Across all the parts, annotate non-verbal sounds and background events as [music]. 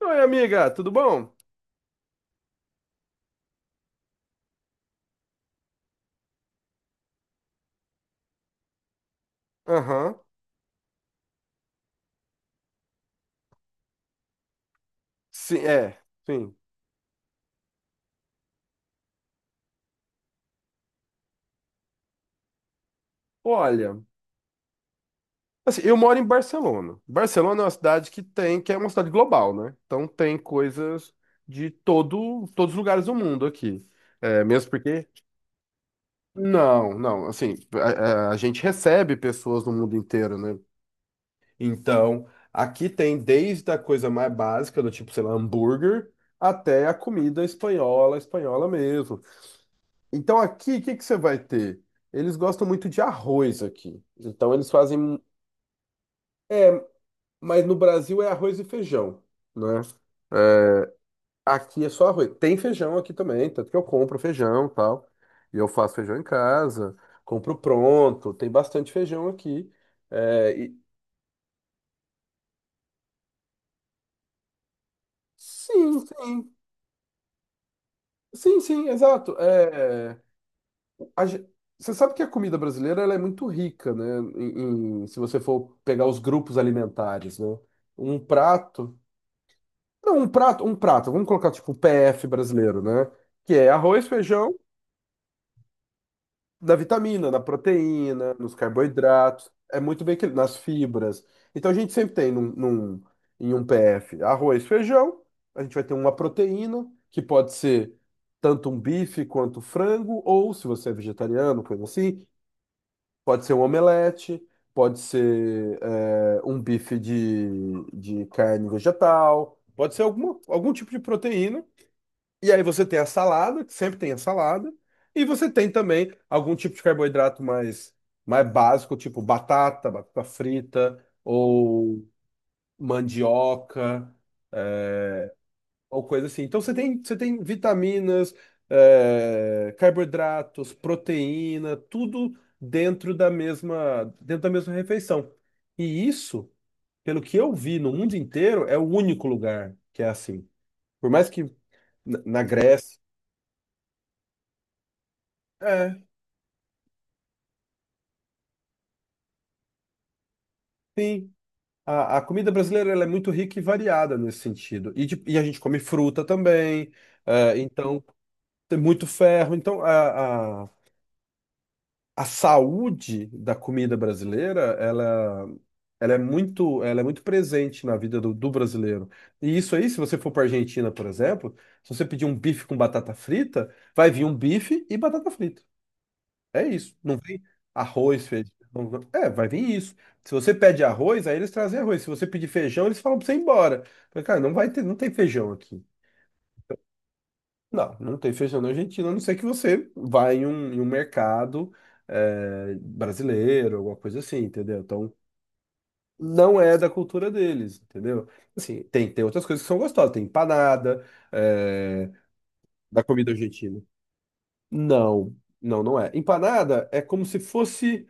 Oi, amiga, tudo bom? Aham. Sim, é, sim. Olha, assim, eu moro em Barcelona. Barcelona é uma cidade que é uma cidade global, né? Então tem coisas todos os lugares do mundo aqui. É, mesmo porque. Não, não, assim, a gente recebe pessoas do mundo inteiro, né? Então, aqui tem desde a coisa mais básica, do tipo, sei lá, hambúrguer, até a comida espanhola, espanhola mesmo. Então aqui, o que que você vai ter? Eles gostam muito de arroz aqui. Então eles fazem. Mas no Brasil é arroz e feijão, né? É, Aqui é só arroz. Tem feijão aqui também, tanto que eu compro feijão e tal. E eu faço feijão em casa, compro pronto. Tem bastante feijão aqui. É. Sim, sim. Sim, sim, exato. É. a ge- Você sabe que a comida brasileira ela é muito rica, né? Se você for pegar os grupos alimentares, né? Um prato Não, um prato, vamos colocar tipo o PF brasileiro, né? Que é arroz, feijão, na vitamina, na proteína, nos carboidratos, é muito bem equilibrado, nas fibras. Então a gente sempre tem em um PF arroz, feijão, a gente vai ter uma proteína, que pode ser tanto um bife quanto frango, ou se você é vegetariano, coisa assim, pode ser um omelete, pode ser um bife de carne vegetal, pode ser algum tipo de proteína. E aí você tem a salada, que sempre tem a salada, e você tem também algum tipo de carboidrato mais básico, tipo batata, batata frita, ou mandioca, ou coisa assim. Então você tem, vitaminas, carboidratos, proteína, tudo dentro da mesma refeição. E isso, pelo que eu vi no mundo inteiro, é o único lugar que é assim. Por mais que na Grécia. É, sim. A comida brasileira ela é muito rica e variada nesse sentido. E a gente come fruta também, então tem muito ferro. Então a saúde da comida brasileira ela, ela é muito presente na vida do brasileiro. E isso aí, se você for para a Argentina, por exemplo, se você pedir um bife com batata frita, vai vir um bife e batata frita. É isso. Não vem arroz, feijão. Vai vir isso. Se você pede arroz, aí eles trazem arroz. Se você pedir feijão, eles falam pra você ir embora. Mas, cara, não vai ter, não tem feijão aqui. Não, não tem feijão na Argentina, a não ser que você vá em um, mercado brasileiro, alguma coisa assim, entendeu? Então, não é da cultura deles, entendeu? Assim, tem outras coisas que são gostosas. Tem empanada, é, da comida argentina. Não, não, não é. Empanada é como se fosse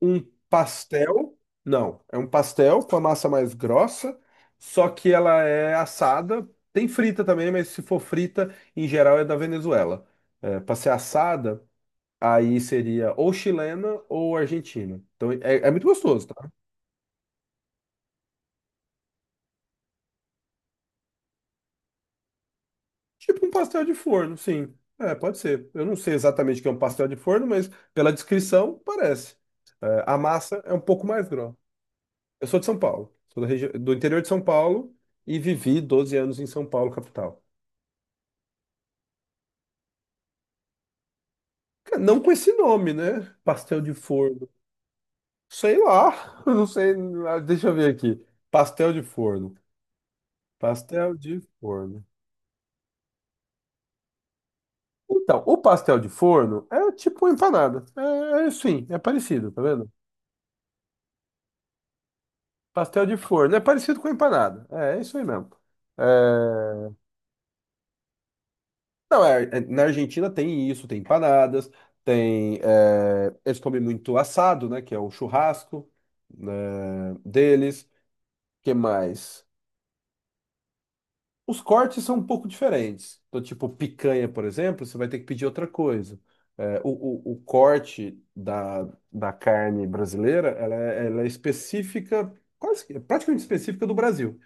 um pastel. Não, é um pastel com a massa mais grossa, só que ela é assada. Tem frita também, mas se for frita, em geral é da Venezuela. É, para ser assada, aí seria ou chilena ou argentina. Então é muito gostoso, tá? Tipo um pastel de forno, sim. É, pode ser. Eu não sei exatamente o que é um pastel de forno, mas pela descrição parece. É, a massa é um pouco mais grossa. Eu sou de São Paulo, sou da região, do interior de São Paulo e vivi 12 anos em São Paulo, capital. Não com esse nome, né? Pastel de forno. Sei lá, [laughs] eu não sei. Deixa eu ver aqui. Pastel de forno. Pastel de forno. Então, o pastel de forno é tipo uma empanada. É, é sim, é parecido, tá vendo? Pastel de forno é parecido com empanada. É, é isso aí mesmo. É, Não, na Argentina tem isso, tem empanadas, tem. Eles comem muito assado, né? Que é o churrasco, né, deles. Que mais? Os cortes são um pouco diferentes. Então, tipo, picanha, por exemplo, você vai ter que pedir outra coisa. É, o, o corte da carne brasileira, ela é específica, quase, é praticamente específica do Brasil.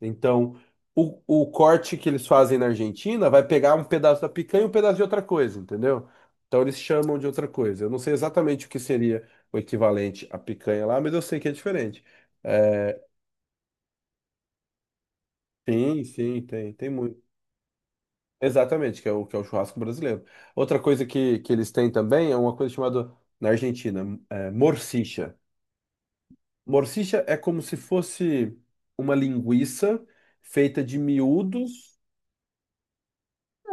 Então, o corte que eles fazem na Argentina vai pegar um pedaço da picanha e um pedaço de outra coisa, entendeu? Então, eles chamam de outra coisa. Eu não sei exatamente o que seria o equivalente à picanha lá, mas eu sei que é diferente. É, Sim, sim, tem muito. Exatamente, que é o churrasco brasileiro. Outra coisa que eles têm também é uma coisa chamada, na Argentina, morcicha. Morcicha é como se fosse uma linguiça feita de miúdos.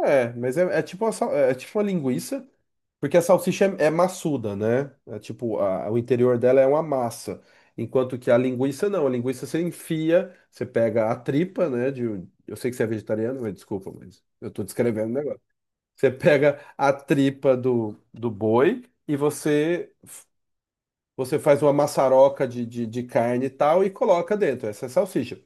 Mas é, é tipo uma, sal- é é tipo uma linguiça, porque a salsicha é maçuda, né? É tipo, o interior dela é uma massa. Enquanto que a linguiça não, a linguiça você enfia, você pega a tripa, né? Eu sei que você é vegetariano, mas desculpa, mas eu tô descrevendo o negócio. Você pega a tripa do boi e você faz uma maçaroca de carne e tal e coloca dentro. Essa é a salsicha.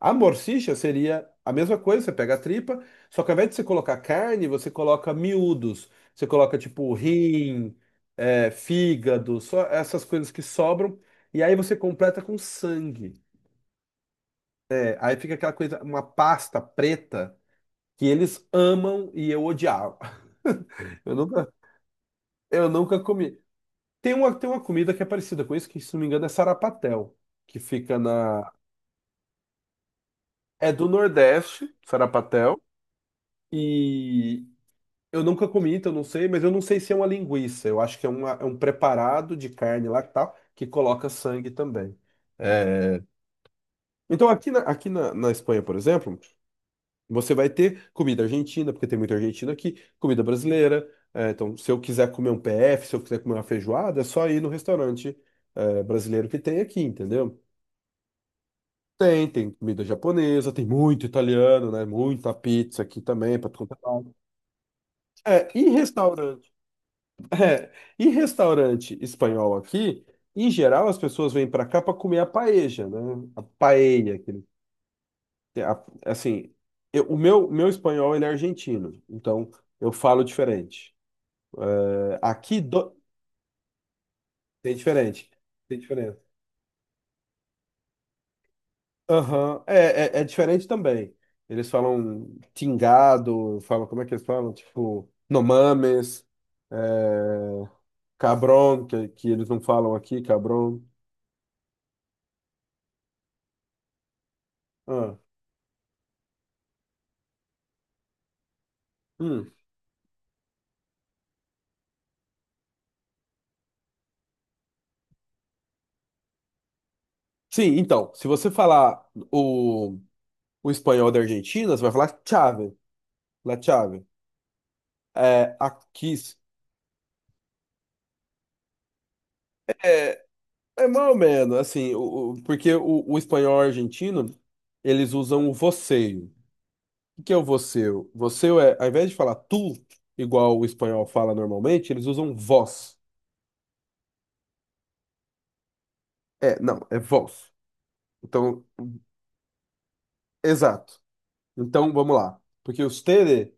A morsicha seria a mesma coisa, você pega a tripa, só que ao invés de você colocar carne, você coloca miúdos. Você coloca tipo rim, fígado, só essas coisas que sobram. E aí você completa com sangue. Aí fica aquela coisa, uma pasta preta que eles amam e eu odiava. [laughs] Eu nunca, eu nunca comi. Tem uma comida que é parecida com isso, que se não me engano é sarapatel, que fica na... É do Nordeste, sarapatel, e eu nunca comi, então eu não sei, mas eu não sei se é uma linguiça, eu acho que é um preparado de carne lá que tal, que coloca sangue também. É, Então aqui, na Espanha, por exemplo, você vai ter comida argentina, porque tem muita argentina aqui, comida brasileira, então se eu quiser comer um PF, se eu quiser comer uma feijoada, é só ir no restaurante, brasileiro que tem aqui, entendeu? Tem comida japonesa, tem muito italiano, né? Muita pizza aqui também, para tudo. É, e restaurante. [laughs] É, e restaurante espanhol aqui, em geral, as pessoas vêm para cá para comer a paella, né? A paella, a- assim, meu espanhol ele é argentino, então eu falo diferente. É, Aqui do- Tem diferente. Tem diferença. Aham, é diferente também. Eles falam tingado, falam, como é que eles falam? Tipo, nomames, é, cabron, que eles não falam aqui, cabron. Ah, hum. Sim, então, se você falar o espanhol da Argentina, você vai falar chave, la chave. Aqui, é, é mais ou menos, assim, porque o espanhol argentino, eles usam o você. O que é o voceu? Voceu é, ao invés de falar tu, igual o espanhol fala normalmente, eles usam vós. É, não, é vós. Então, exato. Então, vamos lá. Porque o usted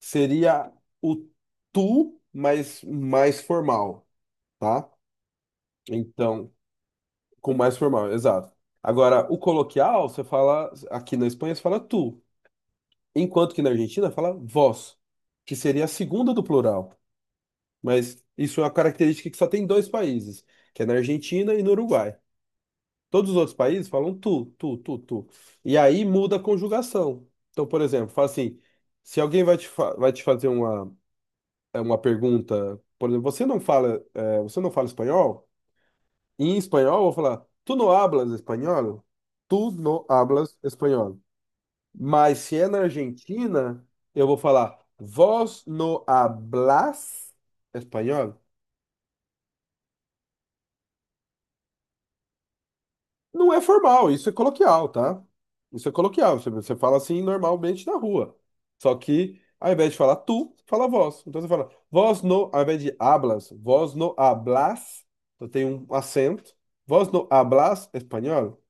seria o tu, mas mais formal, tá? Então, com mais formal, exato. Agora, o coloquial, você fala, aqui na Espanha, você fala tu. Enquanto que na Argentina fala vós, que seria a segunda do plural. Mas isso é uma característica que só tem dois países, que é na Argentina e no Uruguai. Todos os outros países falam tu, tu, tu, tu. E aí muda a conjugação. Então, por exemplo, fala assim, se alguém vai te fazer uma pergunta, por exemplo, você não fala, você não fala espanhol? Em espanhol, eu vou falar, tu não hablas espanhol? Tu não hablas espanhol. Mas se é na Argentina, eu vou falar, vós no hablas espanhol? Não é formal, isso é coloquial, tá? Isso é coloquial, você fala assim normalmente na rua. Só que, ao invés de falar tu, fala vós. Então você fala, vós no, ao invés de hablas, vós no hablas, então tem um acento, vós no hablas espanhol,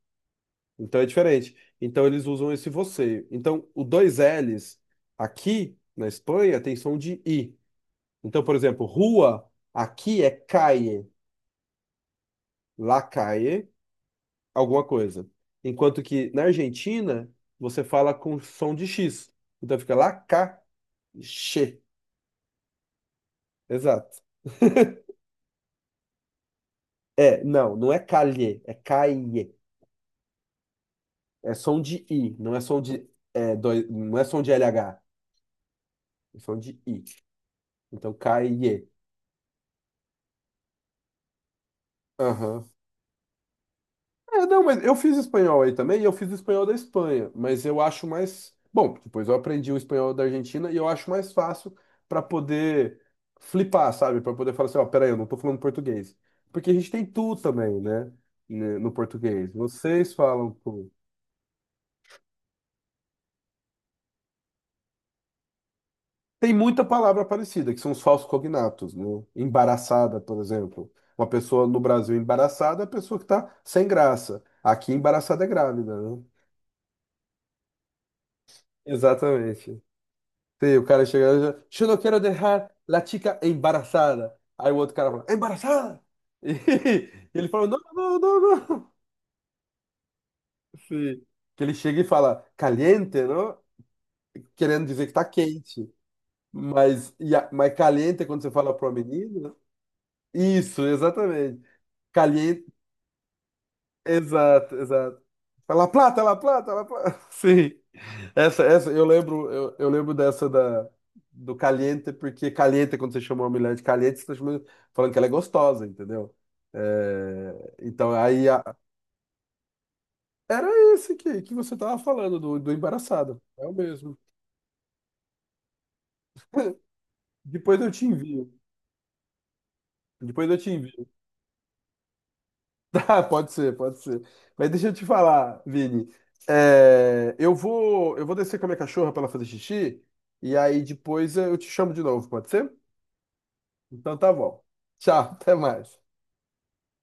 então é diferente. Então eles usam esse você. Então, o dois L's aqui na Espanha tem som de I. Então, por exemplo, rua, aqui é calle, la calle, alguma coisa. Enquanto que na Argentina, você fala com som de X. Então fica lá, cá, che. Exato. É, não, não é calhe, é caie. É som de I, não é som de, não é som de LH, é som de I. Então, caie. Aham. É, não, mas eu fiz espanhol aí também, e eu fiz espanhol da Espanha, mas eu acho mais. Bom, depois eu aprendi o espanhol da Argentina e eu acho mais fácil para poder flipar, sabe? Para poder falar assim, ó, peraí, eu não tô falando português. Porque a gente tem tu também, né? Né, No português. Vocês falam tu. Tem muita palavra parecida, que são os falsos cognatos, né? Embaraçada, por exemplo. Uma pessoa no Brasil embaraçada é a pessoa que tá sem graça. Aqui embaraçada é grávida, né? Exatamente. Sim, o cara chega lá e diz, eu não quero deixar a chica embarazada. Aí o outro cara fala, embarazada? E [laughs] ele fala, não, não, não, não. Sim. Que ele chega e fala, caliente, não? Querendo dizer que tá quente. Mas, mas caliente é quando você fala pro menino. Né? Isso, exatamente. Caliente. Exato, exato. Tá La Plata, La Plata, La Plata. [laughs] Sim. Essa, eu lembro, eu lembro do Caliente, porque Caliente, quando você chama uma mulher de Caliente, você tá chamando, falando que ela é gostosa, entendeu? É, então, aí, era esse que você tava falando, do embaraçado. É o mesmo. Depois eu te envio. Depois eu te envio. [laughs] Ah, pode ser, pode ser. Mas deixa eu te falar, Vini. É, eu vou descer com a minha cachorra para ela fazer xixi e aí depois eu te chamo de novo, pode ser? Então tá bom. Tchau, [laughs] até mais.